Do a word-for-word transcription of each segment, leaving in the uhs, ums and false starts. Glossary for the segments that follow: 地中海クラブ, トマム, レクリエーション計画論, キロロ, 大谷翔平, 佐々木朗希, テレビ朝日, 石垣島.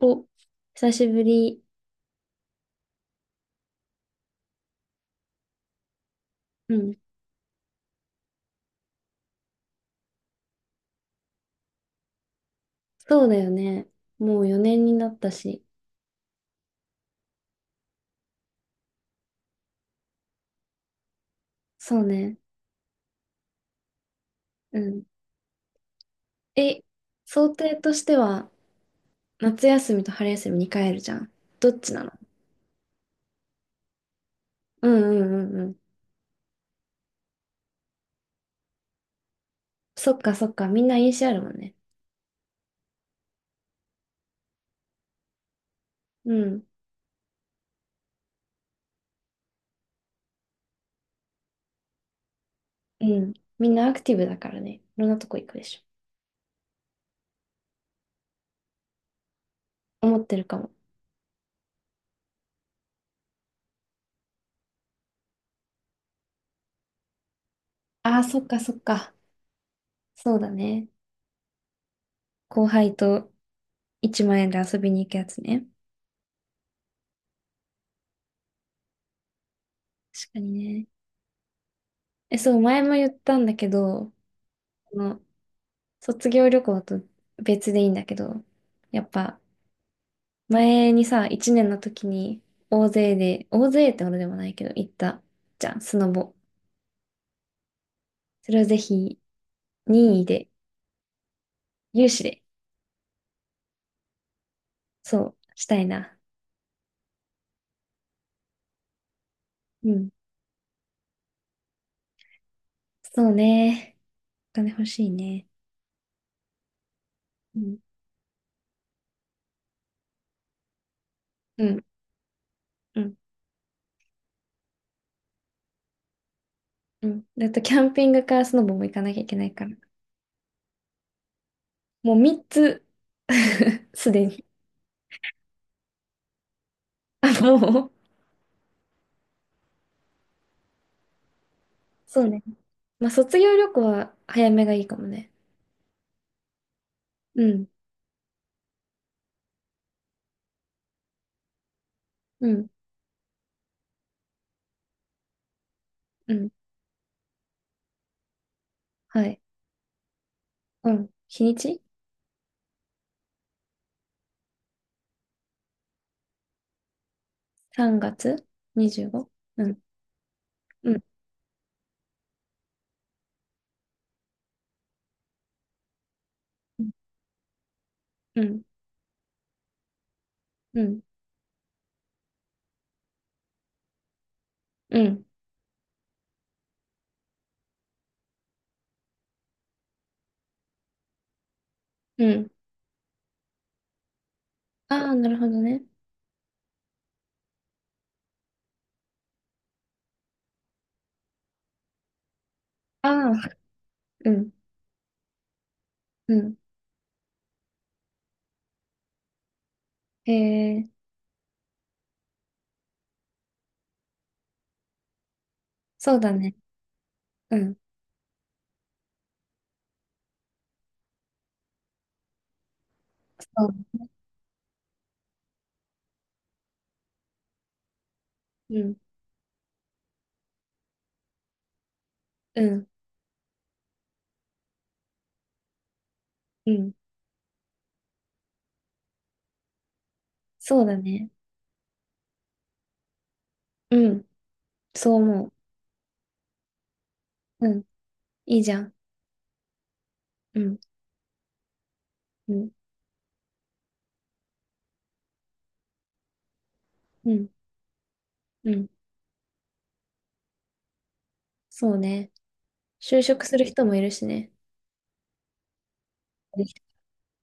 お、久しぶり。うん。そうだよね。もうよねんになったし。そうね。うん。え、想定としては、夏休みと春休みに帰るじゃん。どっちなの？うんうんうんうん。そっかそっか。みんな飲酒あるもんね。うん。うん。みんなアクティブだからね。いろんなとこ行くでしょ。思ってるかも。ああ、そっかそっか。そうだね。後輩といちまん円で遊びに行くやつね。確かにね。え、そう、前も言ったんだけど、あの卒業旅行と別でいいんだけど、やっぱ前にさ、いちねんの時に大勢で、大勢ってほどでもないけど行ったじゃん、スノボ。それをぜひ任意で、有志で、そう、したいな。うん。そうね。お金欲しいね。うん。うん。うん。うん。だとキャンピングカースノボも行かなきゃいけないから。もうみっつ すでに。あ、もう。そうね。まあ、卒業旅行は早めがいいかもね。うん。うん。うん。はい。うん。日にち、 さん 月 にじゅうご？ うごうん。うん。うん。うん。うん。うん。ああ、なるほどね。ああ、うん。うん。へえ、そうだね。うん。そう。うん。うん。うん。そうだね。うん。そう思う。うん。いいじゃん。うん。うん。うん。うん。そうね。就職する人もいるしね。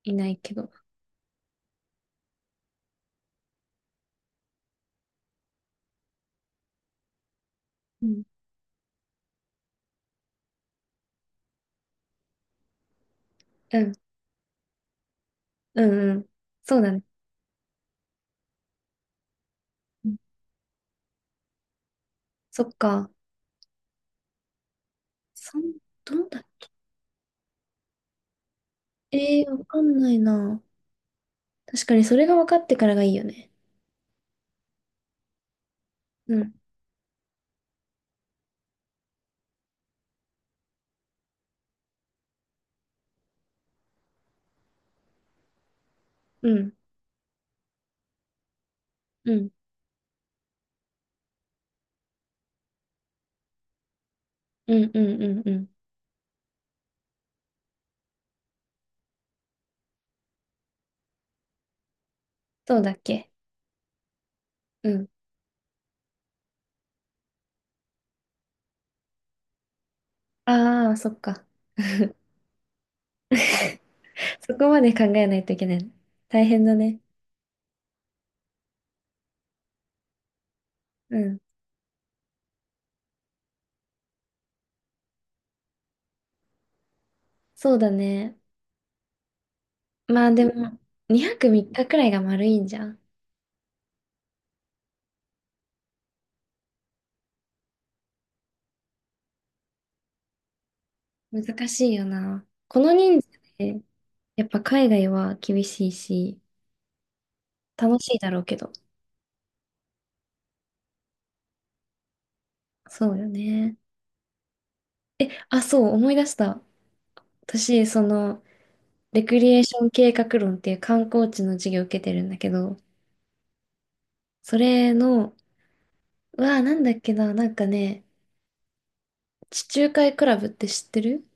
いないけど。うん。うん。うん。うん。そうだね。うん。そっか。そん、どんだええー、わかんないな。確かにそれが分かってからがいいよね。うん、うん、うん、うん、うん、うん。うん。そうだっけ？うん。ああ、そっか。そこまで考えないといけない。大変だね。うん。そうだね。まあでも、にはくみっかくらいが丸いんじゃん。難しいよな。この人数で、やっぱ海外は厳しいし、楽しいだろうけど。そうよね。あ、そう、思い出した。私、その、レクリエーション計画論っていう観光地の授業を受けてるんだけど、それの、うわあ、なんだっけな、なんかね、地中海クラブって知ってる？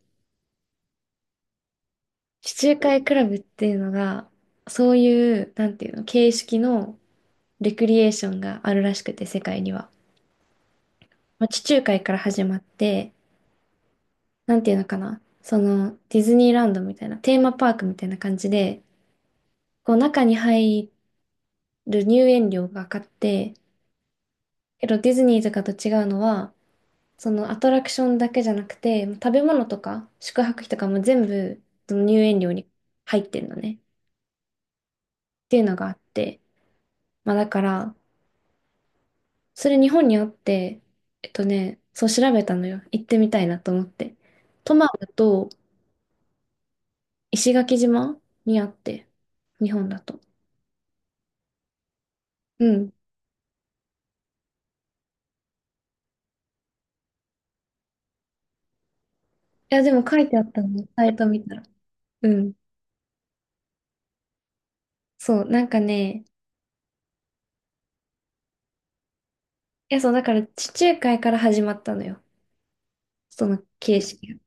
地中海クラブっていうのが、そういう、なんていうの、形式のレクリエーションがあるらしくて、世界には。まあ、地中海から始まって、なんていうのかな、その、ディズニーランドみたいな、テーマパークみたいな感じで、こう、中に入る入園料がかかって、けどディズニーとかと違うのは、そのアトラクションだけじゃなくて、食べ物とか宿泊費とかも全部その入園料に入ってんのね。っていうのがあって。まあだから、それ日本にあって、えっとね、そう調べたのよ。行ってみたいなと思って。トマムと石垣島にあって、日本だと。うん。いや、でも書いてあったの、サイト見たら。うん。そう、なんかね、いや、そう、だから地中海から始まったのよ。その形式が。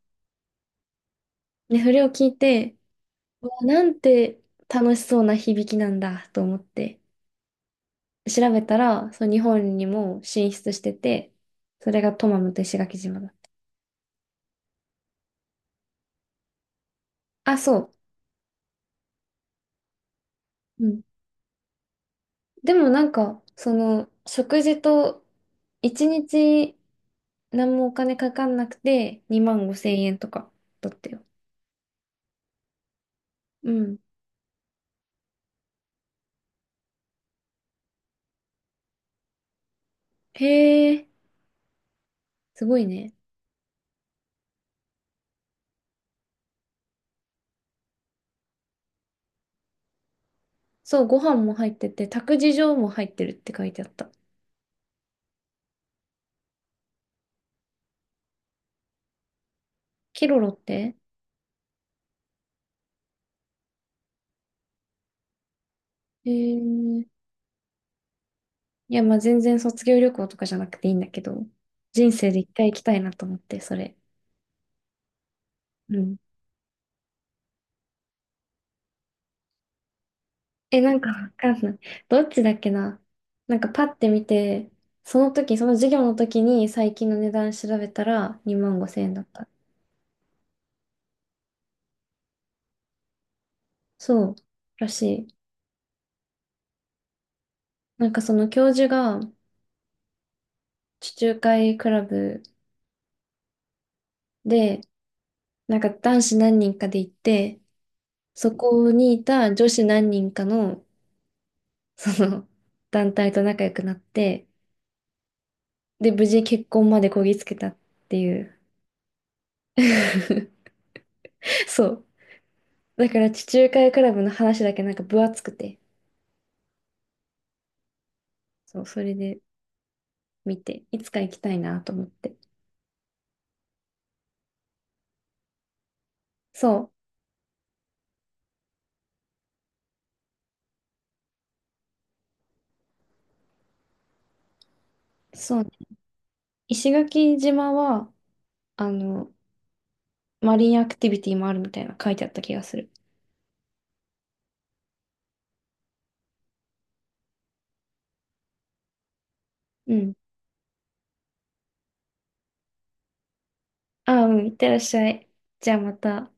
で、それを聞いて、うなんて楽しそうな響きなんだと思って調べたら、そう、日本にも進出してて、それがトマムと石垣島だった。あ、そう。うん。でもなんか、その、食事といちにち何もお金かかんなくてにまんごせん円とかだったよ。うん。へえ、すごいね。そう、ご飯も入ってて、託児所も入ってるって書いてあった。キロロって？へえ。いや、まあ全然卒業旅行とかじゃなくていいんだけど、人生でいっかい行きたいなと思って、それ。うん。え、なんかわかんない。どっちだっけな。なんかパッて見て、その時、その授業の時に最近の値段調べたらにまんごせん円だった。そう、らしい。なんかその教授が地中海クラブで、なんか男子何人かで行って、そこにいた女子何人かの、その 団体と仲良くなって、で、無事結婚までこぎつけたっていう。そう。だから地中海クラブの話だけなんか分厚くて、そう、それで見て、いつか行きたいなと思って。そう、そうね。石垣島は、あの、マリンアクティビティもあるみたいな書いてあった気がする。うん。ああ、うん、いってらっしゃい。じゃあまた。